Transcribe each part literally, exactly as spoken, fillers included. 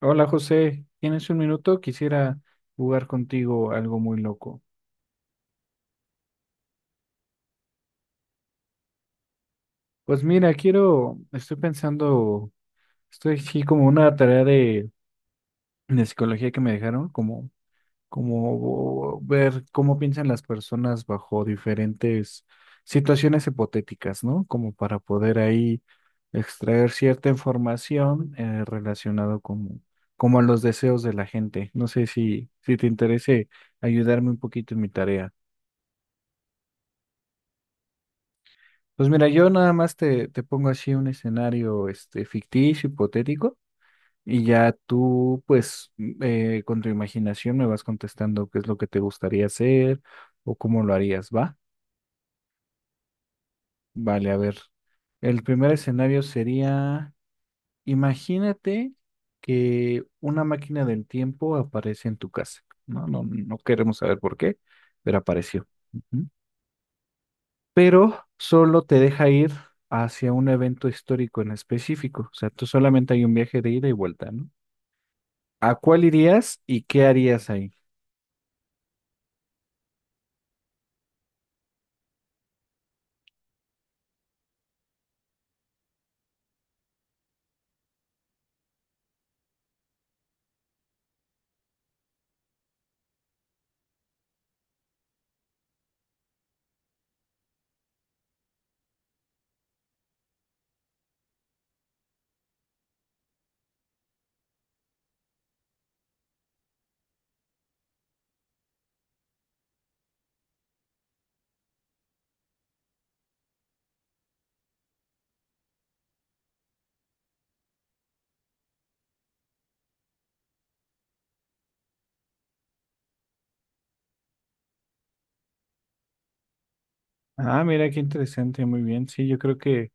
Hola José, ¿tienes un minuto? Quisiera jugar contigo algo muy loco. Pues mira, quiero, estoy pensando, estoy aquí como una tarea de, de psicología que me dejaron, como, como ver cómo piensan las personas bajo diferentes situaciones hipotéticas, ¿no? Como para poder ahí extraer cierta información eh, relacionado como, como a los deseos de la gente. No sé si, si te interese ayudarme un poquito en mi tarea. Pues mira, yo nada más te, te pongo así un escenario este, ficticio, hipotético, y ya tú, pues, m- eh, con tu imaginación me vas contestando qué es lo que te gustaría hacer o cómo lo harías, ¿va? Vale, a ver. El primer escenario sería, imagínate que una máquina del tiempo aparece en tu casa. No, no, no queremos saber por qué, pero apareció. Pero solo te deja ir hacia un evento histórico en específico. O sea, tú solamente hay un viaje de ida y vuelta, ¿no? ¿A cuál irías y qué harías ahí? Ah, mira, qué interesante, muy bien. Sí, yo creo que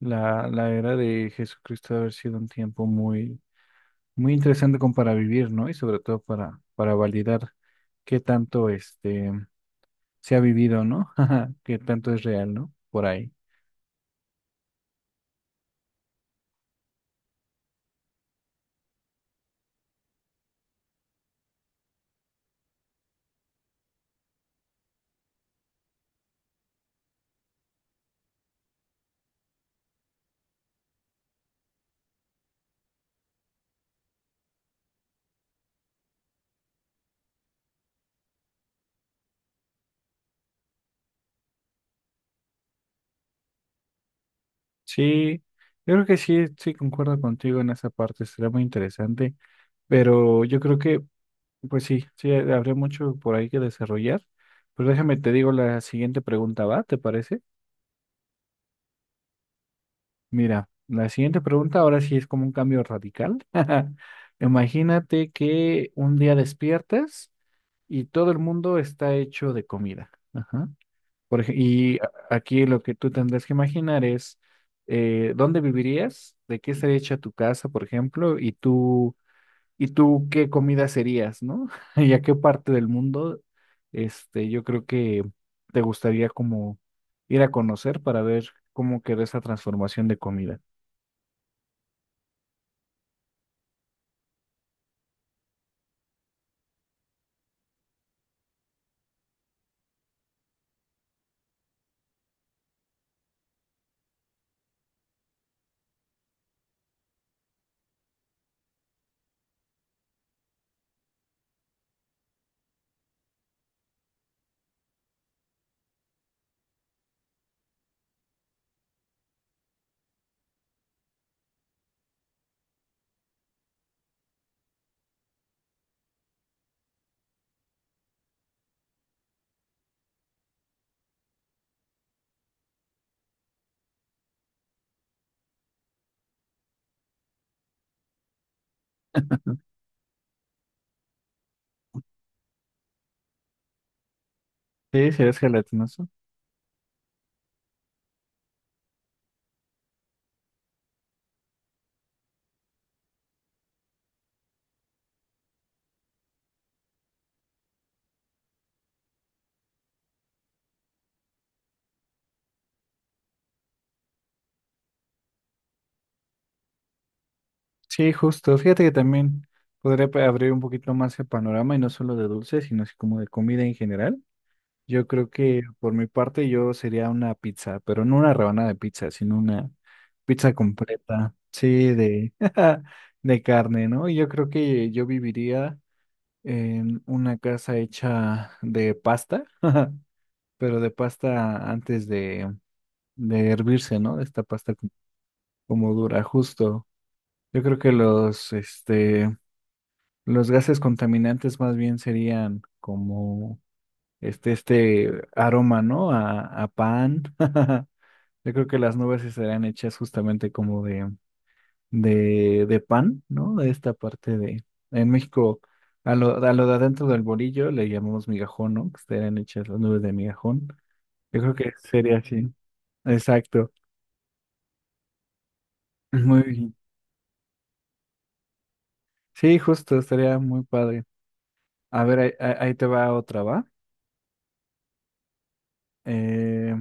la, la era de Jesucristo debe haber sido un tiempo muy, muy interesante como para vivir, ¿no? Y sobre todo para, para validar qué tanto este se ha vivido, ¿no? Qué tanto es real, ¿no? Por ahí. Sí, yo creo que sí, sí concuerdo contigo en esa parte, será muy interesante. Pero yo creo que, pues sí, sí, eh, habría mucho por ahí que desarrollar. Pero déjame, te digo la siguiente pregunta, ¿va? ¿Te parece? Mira, la siguiente pregunta ahora sí es como un cambio radical. Imagínate que un día despiertas y todo el mundo está hecho de comida. Ajá. Por ej- y a- Aquí lo que tú tendrás que imaginar es eh, dónde vivirías, de qué estaría hecha tu casa, por ejemplo, y tú ¿y tú qué comida serías, no? ¿Y a qué parte del mundo, este, yo creo que te gustaría como ir a conocer para ver cómo quedó esa transformación de comida? Sí, serías gelatinoso. Sí, justo. Fíjate que también podría pa- abrir un poquito más el panorama y no solo de dulces, sino así como de comida en general. Yo creo que por mi parte yo sería una pizza, pero no una rebanada de pizza, sino una pizza completa, sí, de, de carne, ¿no? Y yo creo que yo viviría en una casa hecha de pasta, pero de pasta antes de, de hervirse, ¿no? De esta pasta co- como dura, justo. Yo creo que los, este, los gases contaminantes más bien serían como este, este aroma, ¿no? A, a pan. Yo creo que las nubes sí serán hechas justamente como de, de, de pan, ¿no? De esta parte de... En México, a lo, a lo de adentro del bolillo le llamamos migajón, ¿no? Que serán hechas las nubes de migajón. Yo creo que sería así. Exacto. Muy bien. Sí, justo, estaría muy padre. A ver, ahí, ahí- ahí te va otra, ¿va? Eh,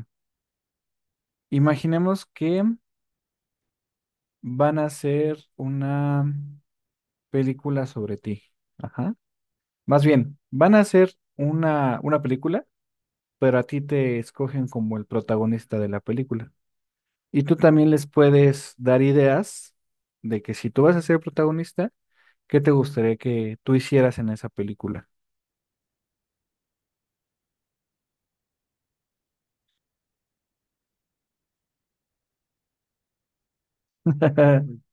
Imaginemos que van a hacer una... película sobre ti. Ajá. Más bien, van a hacer una, una película, pero a ti te escogen como el protagonista de la película. Y tú también les puedes dar ideas de que si tú vas a ser protagonista, ¿qué te gustaría que tú hicieras en esa película?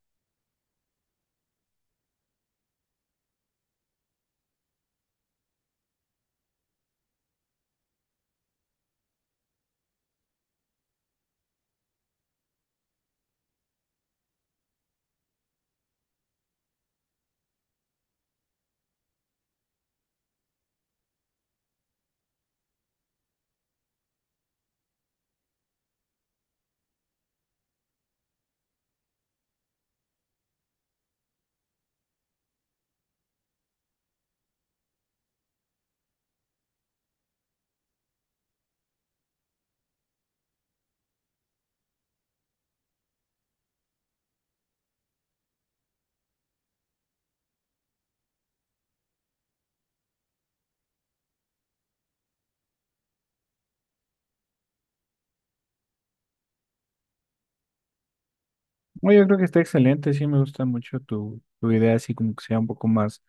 Bueno, yo creo que está excelente, sí me gusta mucho tu, tu idea, así como que sea un poco más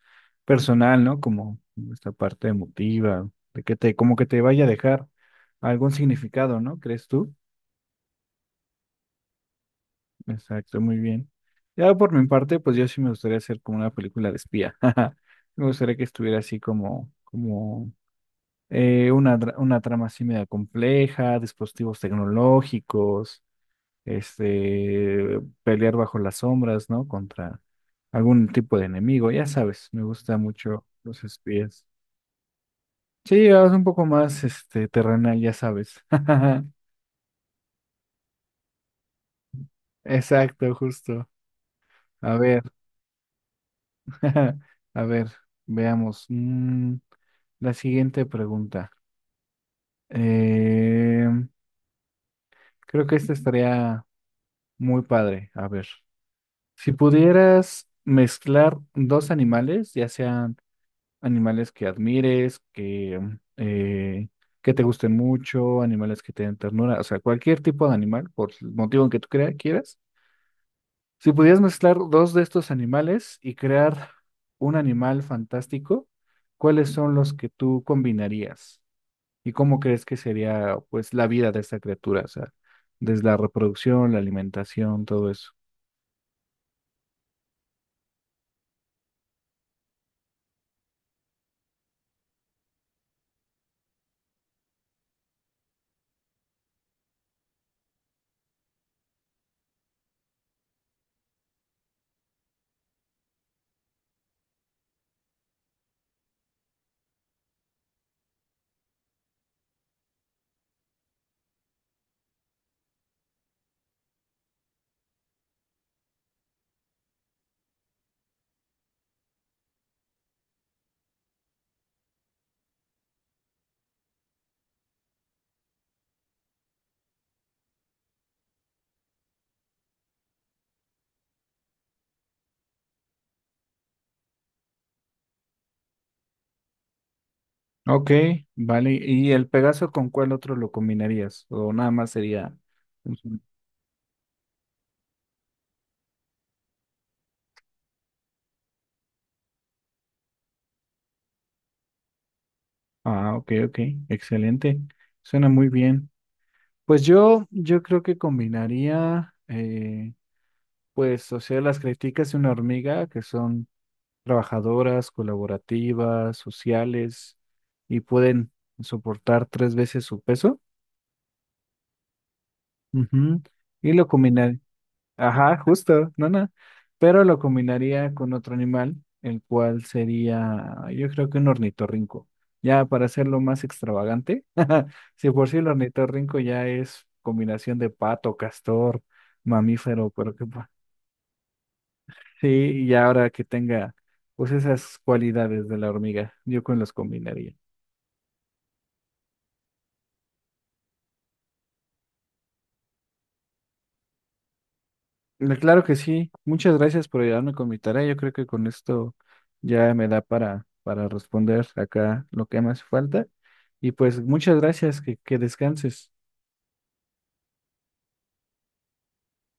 personal, ¿no? Como esta parte emotiva, de que te, como que te vaya a dejar algún significado, ¿no? ¿Crees tú? Exacto, muy bien. Ya por mi parte, pues yo sí me gustaría hacer como una película de espía. Me gustaría que estuviera así como, como eh, una, dra- una trama así media compleja, dispositivos tecnológicos, este, pelear bajo las sombras, ¿no? Contra algún tipo de enemigo. Ya sabes, me gusta mucho los espías. Sí, es un poco más este terrenal, ya sabes. Exacto, justo. A ver, a ver, veamos. Mm, La siguiente pregunta. Eh, Creo que esta estaría muy padre. A ver, si pudieras mezclar dos animales, ya sean animales que admires, que, eh, que te gusten mucho, animales que te den ternura, o sea, cualquier tipo de animal, por el motivo en que tú crea- quieras. Si pudieras mezclar dos de estos animales y crear un animal fantástico, ¿cuáles son los que tú combinarías? ¿Y cómo crees que sería pues la vida de esta criatura? O sea, desde la reproducción, la alimentación, todo eso. Ok, vale. ¿Y el Pegaso con cuál otro lo combinarías? ¿O nada más sería... un solo? Ah, ok, ok, excelente. Suena muy bien. Pues yo, yo creo que combinaría, eh, pues, o sea, las críticas de una hormiga, que son trabajadoras, colaborativas, sociales, y pueden soportar tres veces su peso. Ujú, y lo combinaría, ajá, justo, no, no, pero lo combinaría con otro animal, el cual sería, yo creo que un ornitorrinco. Ya para hacerlo más extravagante, si por sí el ornitorrinco ya es combinación de pato, castor, mamífero, pero que pa- sí, y ahora que tenga pues esas cualidades de la hormiga, yo con los combinaría. Le- Claro que sí. Muchas gracias por ayudarme con mi tarea. Yo creo que con esto ya me da para, para responder acá lo que me hace falta. Y pues muchas gracias, que, que descanses.